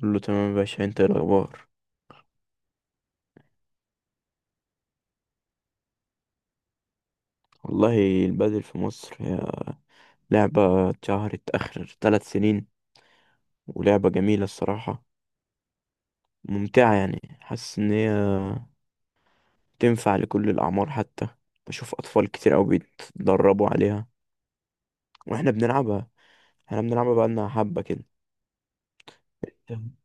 كله تمام يا باشا، انت ايه الاخبار؟ والله، البادل في مصر هي لعبة اتشهرت اخر 3 سنين، ولعبة جميلة الصراحة، ممتعة. يعني حاسس ان هي تنفع لكل الاعمار. حتى بشوف اطفال كتير اوي بيتدربوا عليها. واحنا بنلعبها احنا بنلعبها بقالنا حبة كده. تمام.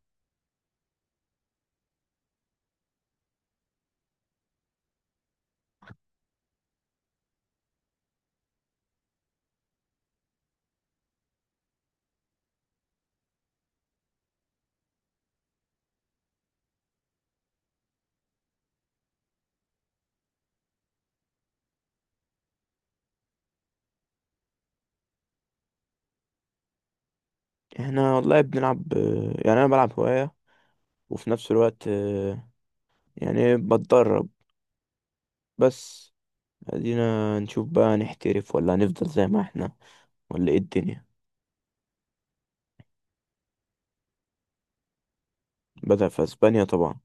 احنا والله بنلعب يعني انا بلعب هواية، وفي نفس الوقت، يعني بتدرب. بس ادينا نشوف بقى، نحترف ولا هنفضل زي ما احنا، ولا ايه الدنيا. بدأ في اسبانيا طبعا.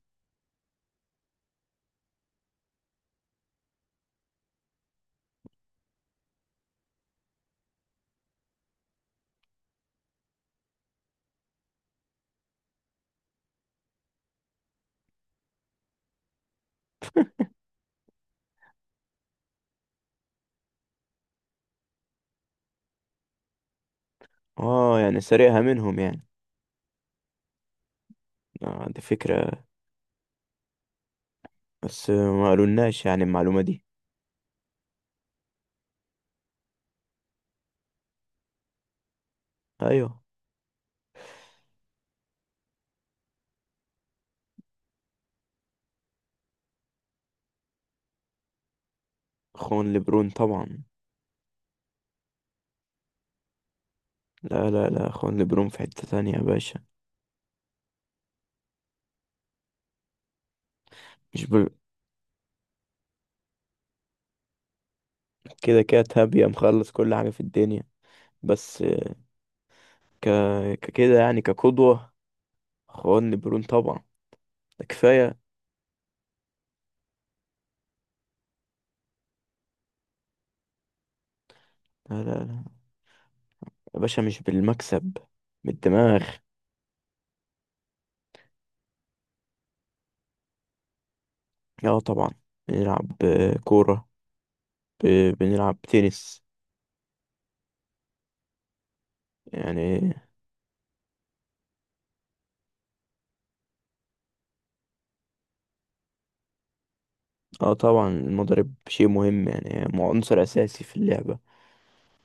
اه، يعني سرقها منهم يعني. آه ده فكرة، بس ما قالولناش يعني المعلومة دي. ايوه، اخوان لبرون طبعا. لا لا لا، اخوان لبرون في حتة تانية يا باشا. مش بل... كده كده تابية مخلص كل حاجة في الدنيا. بس ك... ككده، يعني كقدوة، اخوان لبرون طبعا، ده كفاية. لا لا لا يا باشا، مش بالمكسب، بالدماغ. اه طبعا، بنلعب كورة، ب... بنلعب تنس يعني. اه طبعا، المضارب شيء مهم. يعني عنصر اساسي في اللعبة.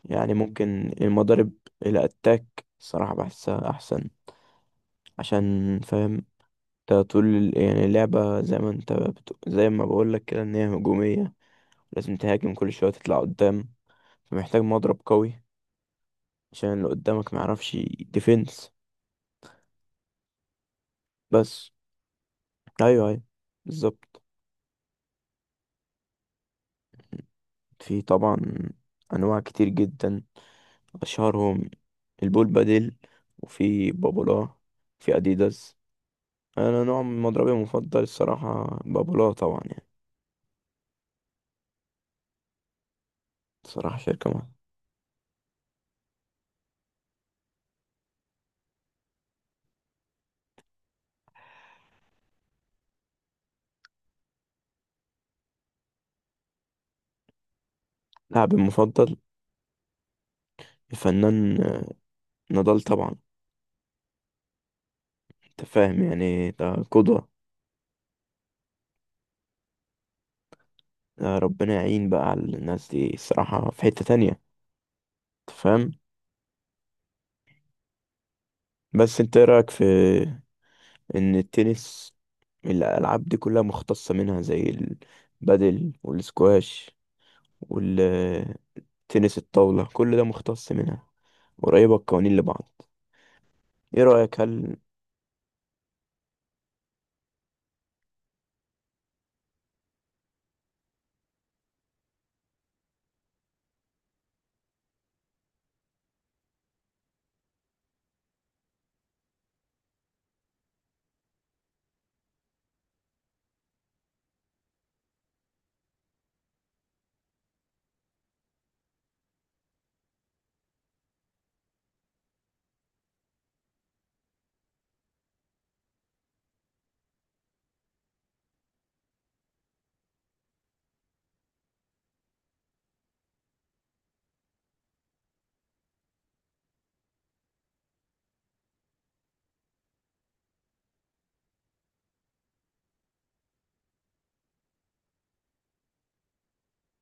يعني ممكن المضارب الاتاك الصراحة بحسها احسن، عشان فاهم انت طول يعني اللعبة، زي ما بقولك كده، ان هي هجومية، لازم تهاجم كل شوية، تطلع قدام، فمحتاج مضرب قوي، عشان اللي قدامك معرفش ديفنس. بس ايوه ايوه، بالظبط. في طبعا انواع كتير جدا، أشهرهم البول بادل، وفي بابولا، في أديداس. أنا نوع من مضربي المفضل الصراحة بابولا طبعا يعني، صراحة شركة ما. لاعبي المفضل الفنان نضال طبعا. أنت فاهم، يعني ده قدوة. ده ربنا يعين بقى على الناس دي الصراحة، في حتة تانية أنت فاهم. بس أنت إيه رأيك في إن التنس، الألعاب دي كلها مختصة منها، زي البادل والسكواش، تنس الطاولة كل ده مختص منها، قريبة القوانين لبعض. ايه رأيك هل،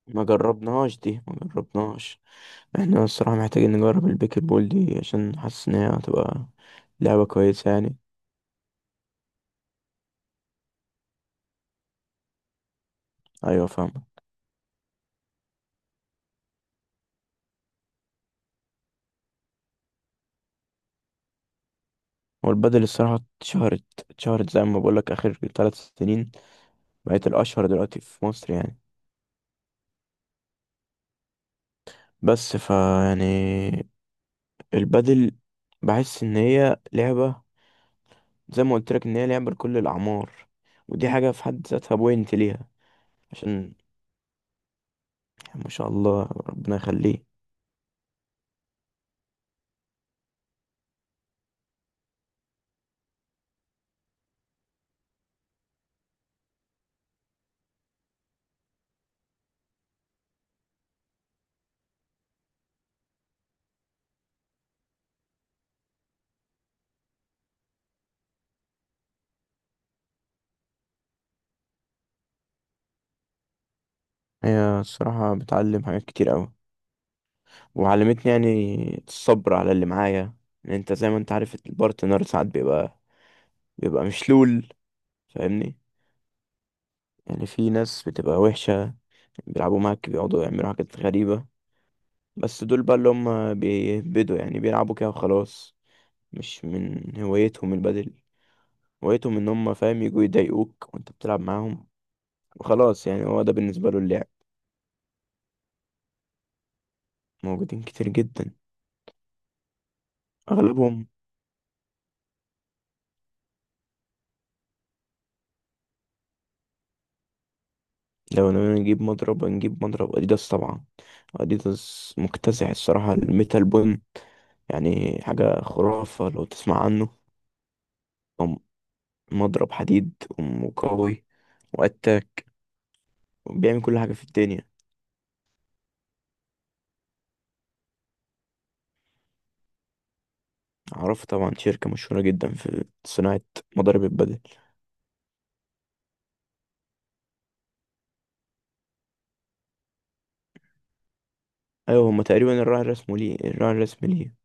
ما جربناهاش دي ما جربناهاش، احنا الصراحة محتاجين نجرب البيكر بول دي، عشان حاسس ان هي هتبقى لعبة كويسة يعني. ايوه، فاهمة. هو البدل الصراحة اتشهرت اتشهرت زي ما بقولك اخر 3 سنين، بقت الاشهر دلوقتي في مصر يعني. بس يعني البدل، بحس ان هي لعبة زي ما قلت لك، ان هي لعبة لكل الاعمار، ودي حاجة في حد ذاتها بوينت ليها. عشان ما شاء الله ربنا يخليه. هي الصراحة بتعلم حاجات كتير أوي، وعلمتني يعني الصبر على اللي معايا. يعني انت زي ما انت عارف البارتنر ساعات بيبقى مشلول، فاهمني. يعني في ناس بتبقى وحشة، بيلعبوا معاك، بيقعدوا يعملوا حاجات غريبة. بس دول بقى اللي هم بيهبدوا، يعني بيلعبوا كده وخلاص، مش من هوايتهم البدل. هوايتهم ان هم فاهم يجوا يضايقوك وانت بتلعب معاهم، وخلاص يعني هو ده بالنسبة له اللعب. موجودين كتير جدا، أغلبهم. لو انا نجيب مضرب اديداس طبعا. اديداس مكتسح الصراحة، الميتال بون يعني حاجة خرافة لو تسمع عنه. هو مضرب حديد وقوي واتاك، بيعمل كل حاجة في الدنيا. عرفه طبعا، شركة مشهورة جدا في صناعة مضارب البدل. أيوة، هما تقريبا الراعي الرسمي ليه، الراعي الرسمي ليه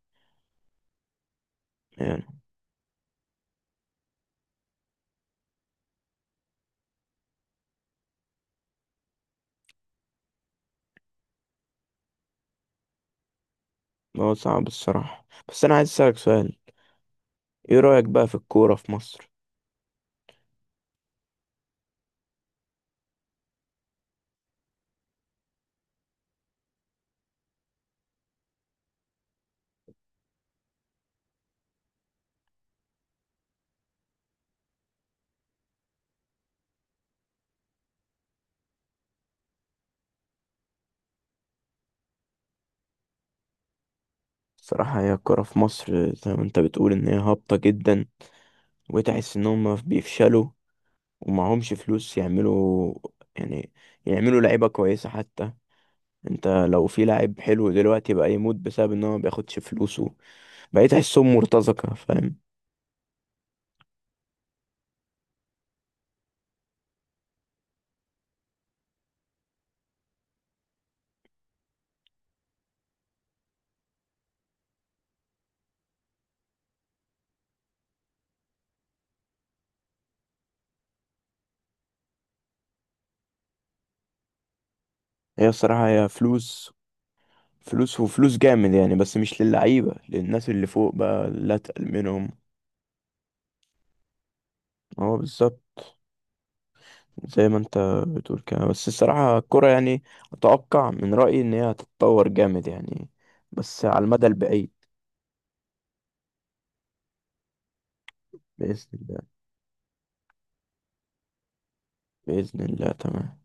يعني. هو صعب الصراحة، بس أنا عايز أسألك سؤال. إيه رأيك بقى في الكورة في مصر؟ الصراحة هي الكورة في مصر زي ما أنت بتقول، إن هي هابطة جدا، وتحس ان هم بيفشلوا، ومعهمش فلوس يعني يعملوا لعيبة كويسة حتى. انت لو في لاعب حلو دلوقتي بقى يموت، بسبب ان هو ما بياخدش فلوسه. بقيت احسهم مرتزقة، فاهم. هي الصراحة هي فلوس، فلوس وفلوس جامد يعني، بس مش للعيبة، للناس اللي فوق بقى لا اتقل منهم. هو بالظبط زي ما انت بتقول كده. بس الصراحة الكرة يعني، أتوقع من رأيي إن هي هتتطور جامد يعني، بس على المدى البعيد. بإذن الله، بإذن الله، تمام.